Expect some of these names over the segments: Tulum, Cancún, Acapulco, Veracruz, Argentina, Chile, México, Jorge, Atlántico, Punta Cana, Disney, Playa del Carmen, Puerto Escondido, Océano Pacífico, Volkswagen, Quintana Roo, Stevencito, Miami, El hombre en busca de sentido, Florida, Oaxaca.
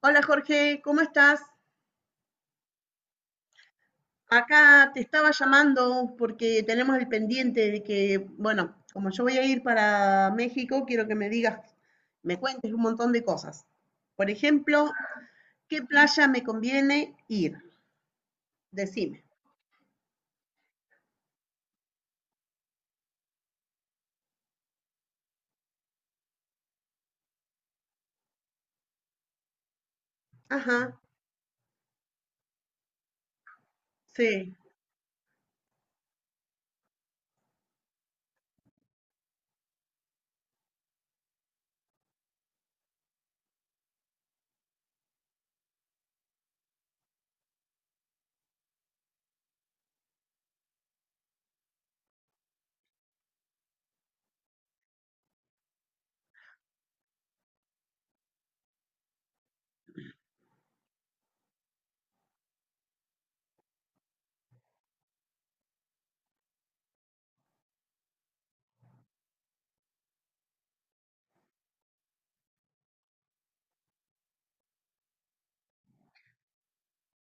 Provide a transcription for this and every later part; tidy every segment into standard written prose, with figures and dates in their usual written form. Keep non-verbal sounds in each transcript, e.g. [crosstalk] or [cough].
Hola Jorge, ¿cómo estás? Acá te estaba llamando porque tenemos el pendiente de que, bueno, como yo voy a ir para México, quiero que me digas, me cuentes un montón de cosas. Por ejemplo, ¿qué playa me conviene ir? Decime. Ajá, sí.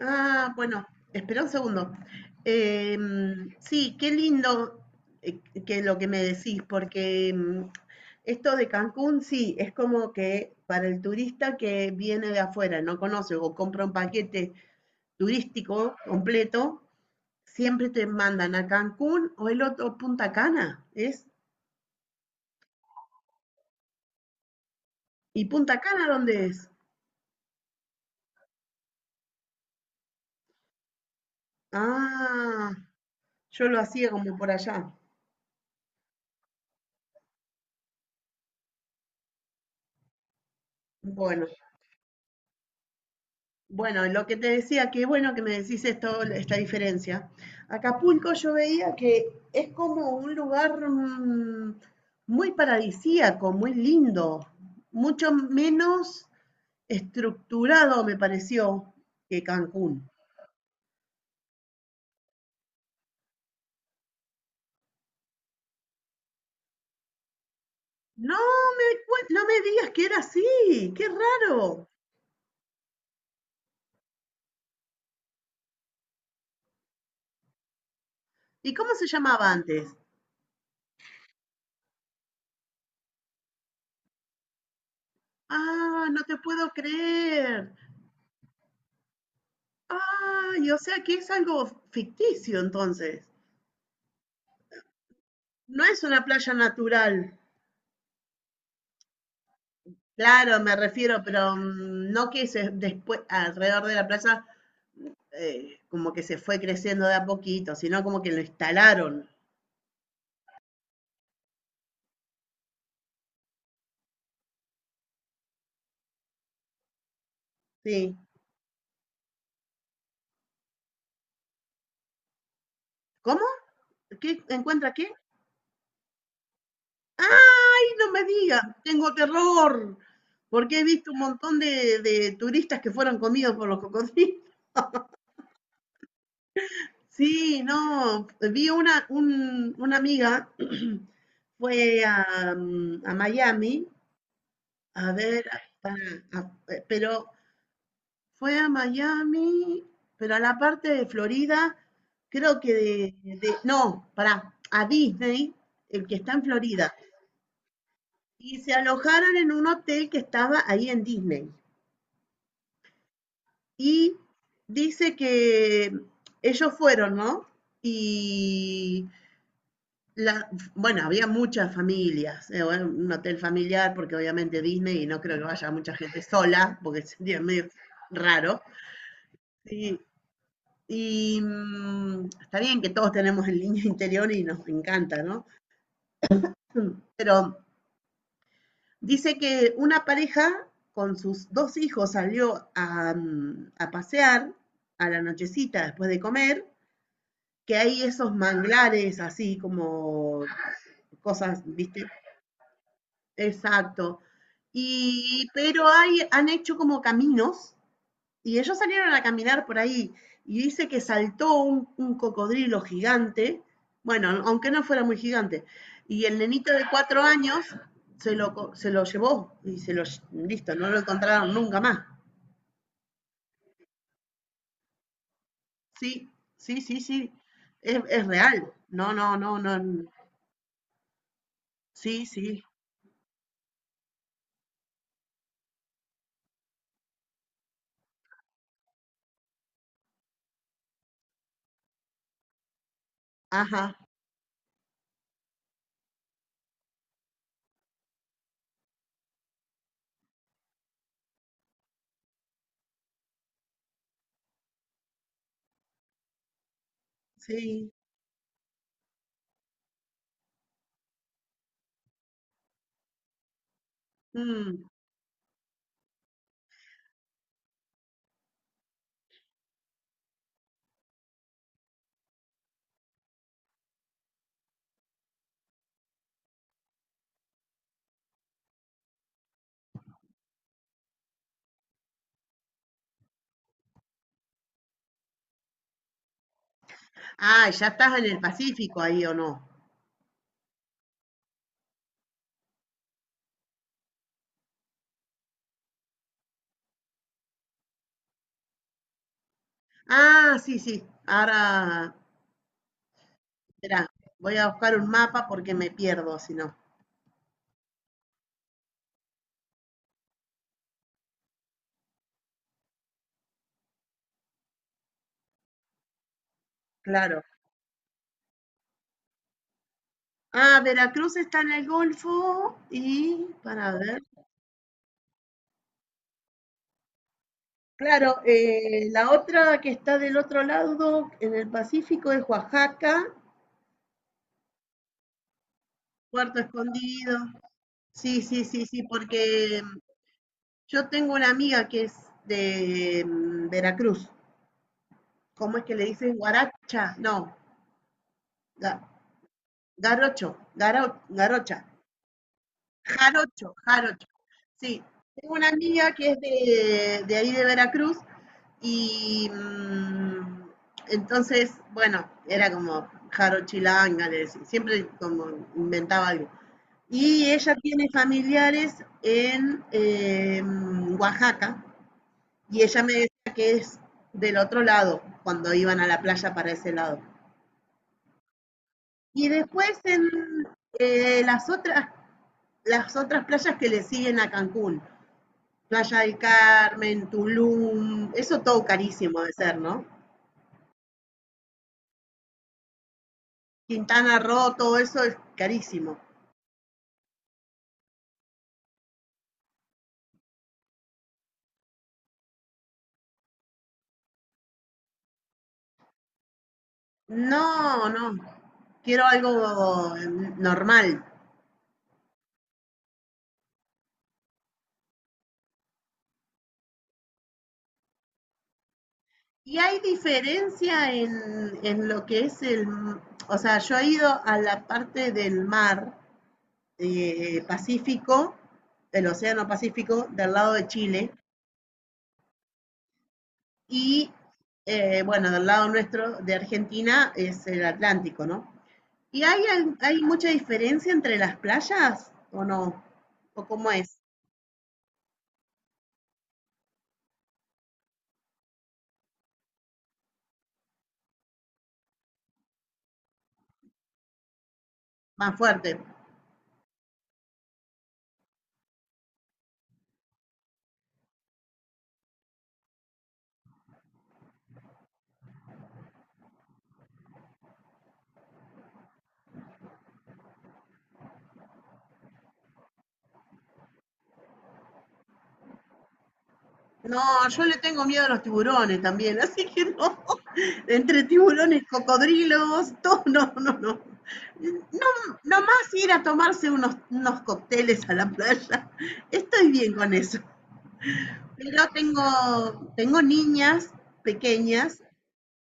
Ah, bueno, espera un segundo. Sí, qué lindo, eh, que lo que me decís, porque esto de Cancún, sí, es como que para el turista que viene de afuera, no conoce o compra un paquete turístico completo, siempre te mandan a Cancún o el otro Punta Cana, ¿es? ¿Y Punta Cana dónde es? Ah, yo lo hacía como por allá. Bueno, Bueno, lo que te decía, que bueno que me decís esto, esta diferencia. Acapulco yo veía que es como un lugar muy paradisíaco, muy lindo, mucho menos estructurado me pareció que Cancún. No no me digas que era así, qué raro. ¿Y cómo se llamaba antes? Ah, no te puedo creer. Ay, o sea que es algo ficticio entonces. No es una playa natural. Claro, me refiero, pero no que se, después, alrededor de la playa, como que se fue creciendo de a poquito, sino como que lo instalaron. Sí. ¿Cómo? ¿Qué encuentra qué? ¡Ay, no me digas! Tengo terror, porque he visto un montón de turistas que fueron comidos por los cocodrilos. [laughs] Sí, no, vi una, una amiga, [clears throat] fue a Miami, a ver, para, pero fue a Miami, pero a la parte de Florida, creo que no, para a Disney, el que está en Florida. Y se alojaron en un hotel que estaba ahí en Disney. Y dice que ellos fueron, ¿no? Y la, bueno, había muchas familias, bueno, un hotel familiar, porque obviamente Disney, y no creo que vaya mucha gente sola, porque sería medio raro. Sí, y está bien que todos tenemos el niño [laughs] interior y nos encanta, ¿no? Pero dice que una pareja con sus dos hijos salió a pasear a la nochecita después de comer, que hay esos manglares así como cosas, ¿viste? Exacto. Y, pero hay, han hecho como caminos. Y ellos salieron a caminar por ahí y dice que saltó un cocodrilo gigante, bueno, aunque no fuera muy gigante, y el nenito de 4 años se lo llevó y listo, no lo encontraron nunca más. Sí, sí, sí, sí, es real. No, no, no, no. Sí, sí, ajá, sí. Mm. Ah, ya estás en el Pacífico ahí o no. Ah, sí, sí, ahora, espera, voy a buscar un mapa porque me pierdo si no. Claro. Ah, Veracruz está en el Golfo y para ver. Claro, la otra que está del otro lado, en el Pacífico, es Oaxaca, Puerto Escondido. Sí, sí, sí, sí, porque yo tengo una amiga que es de Veracruz. ¿Cómo es que le dicen? Guaracha, no, ga- garocho, garocha, jarocho, jarocho. Sí, tengo una amiga que es de ahí de Veracruz. Y entonces, bueno, era como Jaro Chilanga, le decía, siempre como inventaba algo. Y ella tiene familiares en Oaxaca y ella me decía que es del otro lado, cuando iban a la playa para ese lado. Y después en eh, las, otras, las otras playas que le siguen a Cancún, Playa del Carmen, Tulum, eso todo carísimo de ser, ¿no? Quintana Roo, todo eso es carísimo. No, no, quiero algo normal. Y hay diferencia en lo que es o sea, yo he ido a la parte del mar, Pacífico, del Océano Pacífico, del lado de Chile, y bueno, del lado nuestro de Argentina es el Atlántico, ¿no? ¿Y hay mucha diferencia entre las playas o no? ¿O cómo es? Más fuerte. No, yo le tengo miedo a los tiburones también, así que no. Entre tiburones, cocodrilos, todo, no, no, no. No, nomás ir a tomarse unos, unos cócteles a la playa. Estoy bien con eso. Pero tengo, tengo niñas pequeñas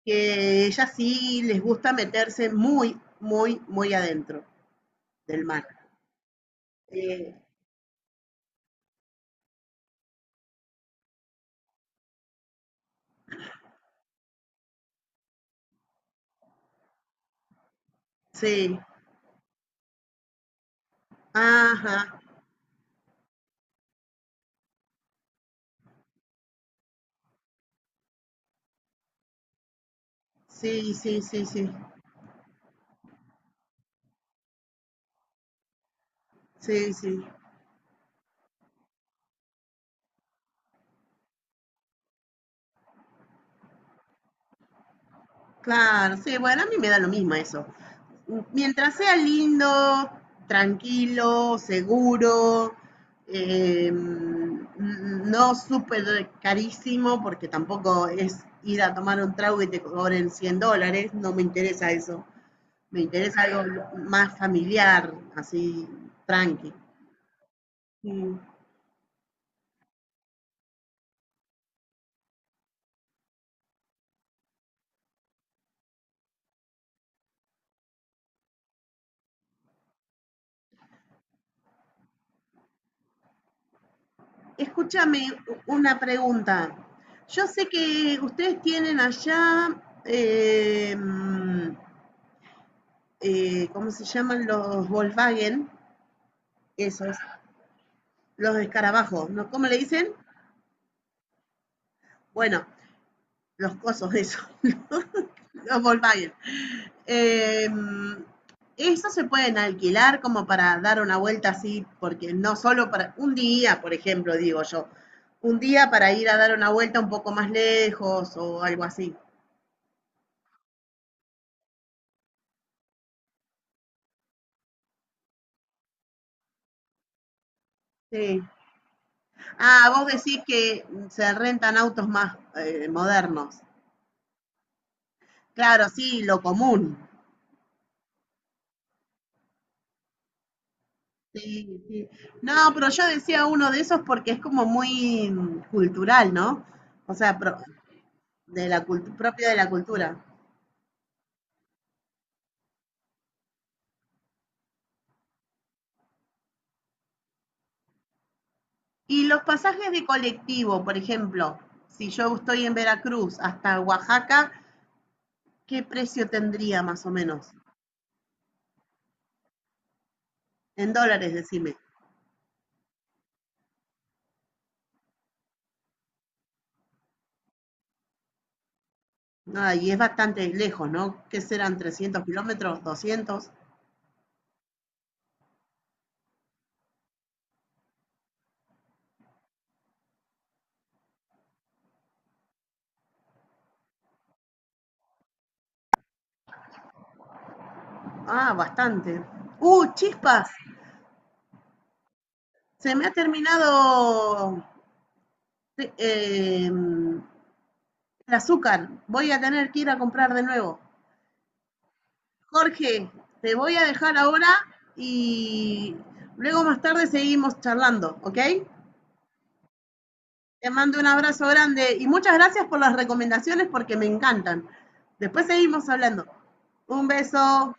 que ellas sí les gusta meterse muy, muy, muy adentro del mar. Eh, sí, ajá, sí, sí, sí, sí, sí, sí. Claro, sí, bueno, a mí me da lo mismo eso, mientras sea lindo, tranquilo, seguro, no súper carísimo, porque tampoco es ir a tomar un trago y te cobren $100, no me interesa eso. Me interesa algo más familiar, así, tranqui. Mm. Escúchame una pregunta. Yo sé que ustedes tienen allá, eh, mm, ¿cómo se llaman los Volkswagen? Esos, los escarabajos, ¿no? ¿Cómo le dicen? Bueno, los cosos, esos, [laughs] los, los Volkswagen. Eh, esos se pueden alquilar como para dar una vuelta así, porque no solo para un día, por ejemplo, digo yo, un día para ir a dar una vuelta un poco más lejos o algo así. Sí. Ah, vos decís que se rentan autos más modernos. Claro, sí, lo común. Sí, sí. No, pero yo decía uno de esos porque es como muy cultural, ¿no? O sea, propio de la cultura. Y los pasajes de colectivo, por ejemplo, si yo estoy en Veracruz hasta Oaxaca, ¿qué precio tendría más o menos? En dólares, decime. Ah, y es bastante lejos, ¿no? ¿Qué serán? ¿300 km? ¿200? Ah, bastante. ¡Uh, chispas! Se me ha terminado te- em, el azúcar. Voy a tener que ir a comprar de nuevo. Jorge, te voy a dejar ahora y luego más tarde seguimos charlando, ¿ok? Te mando un abrazo grande y muchas gracias por las recomendaciones porque me encantan. Después seguimos hablando. Un beso.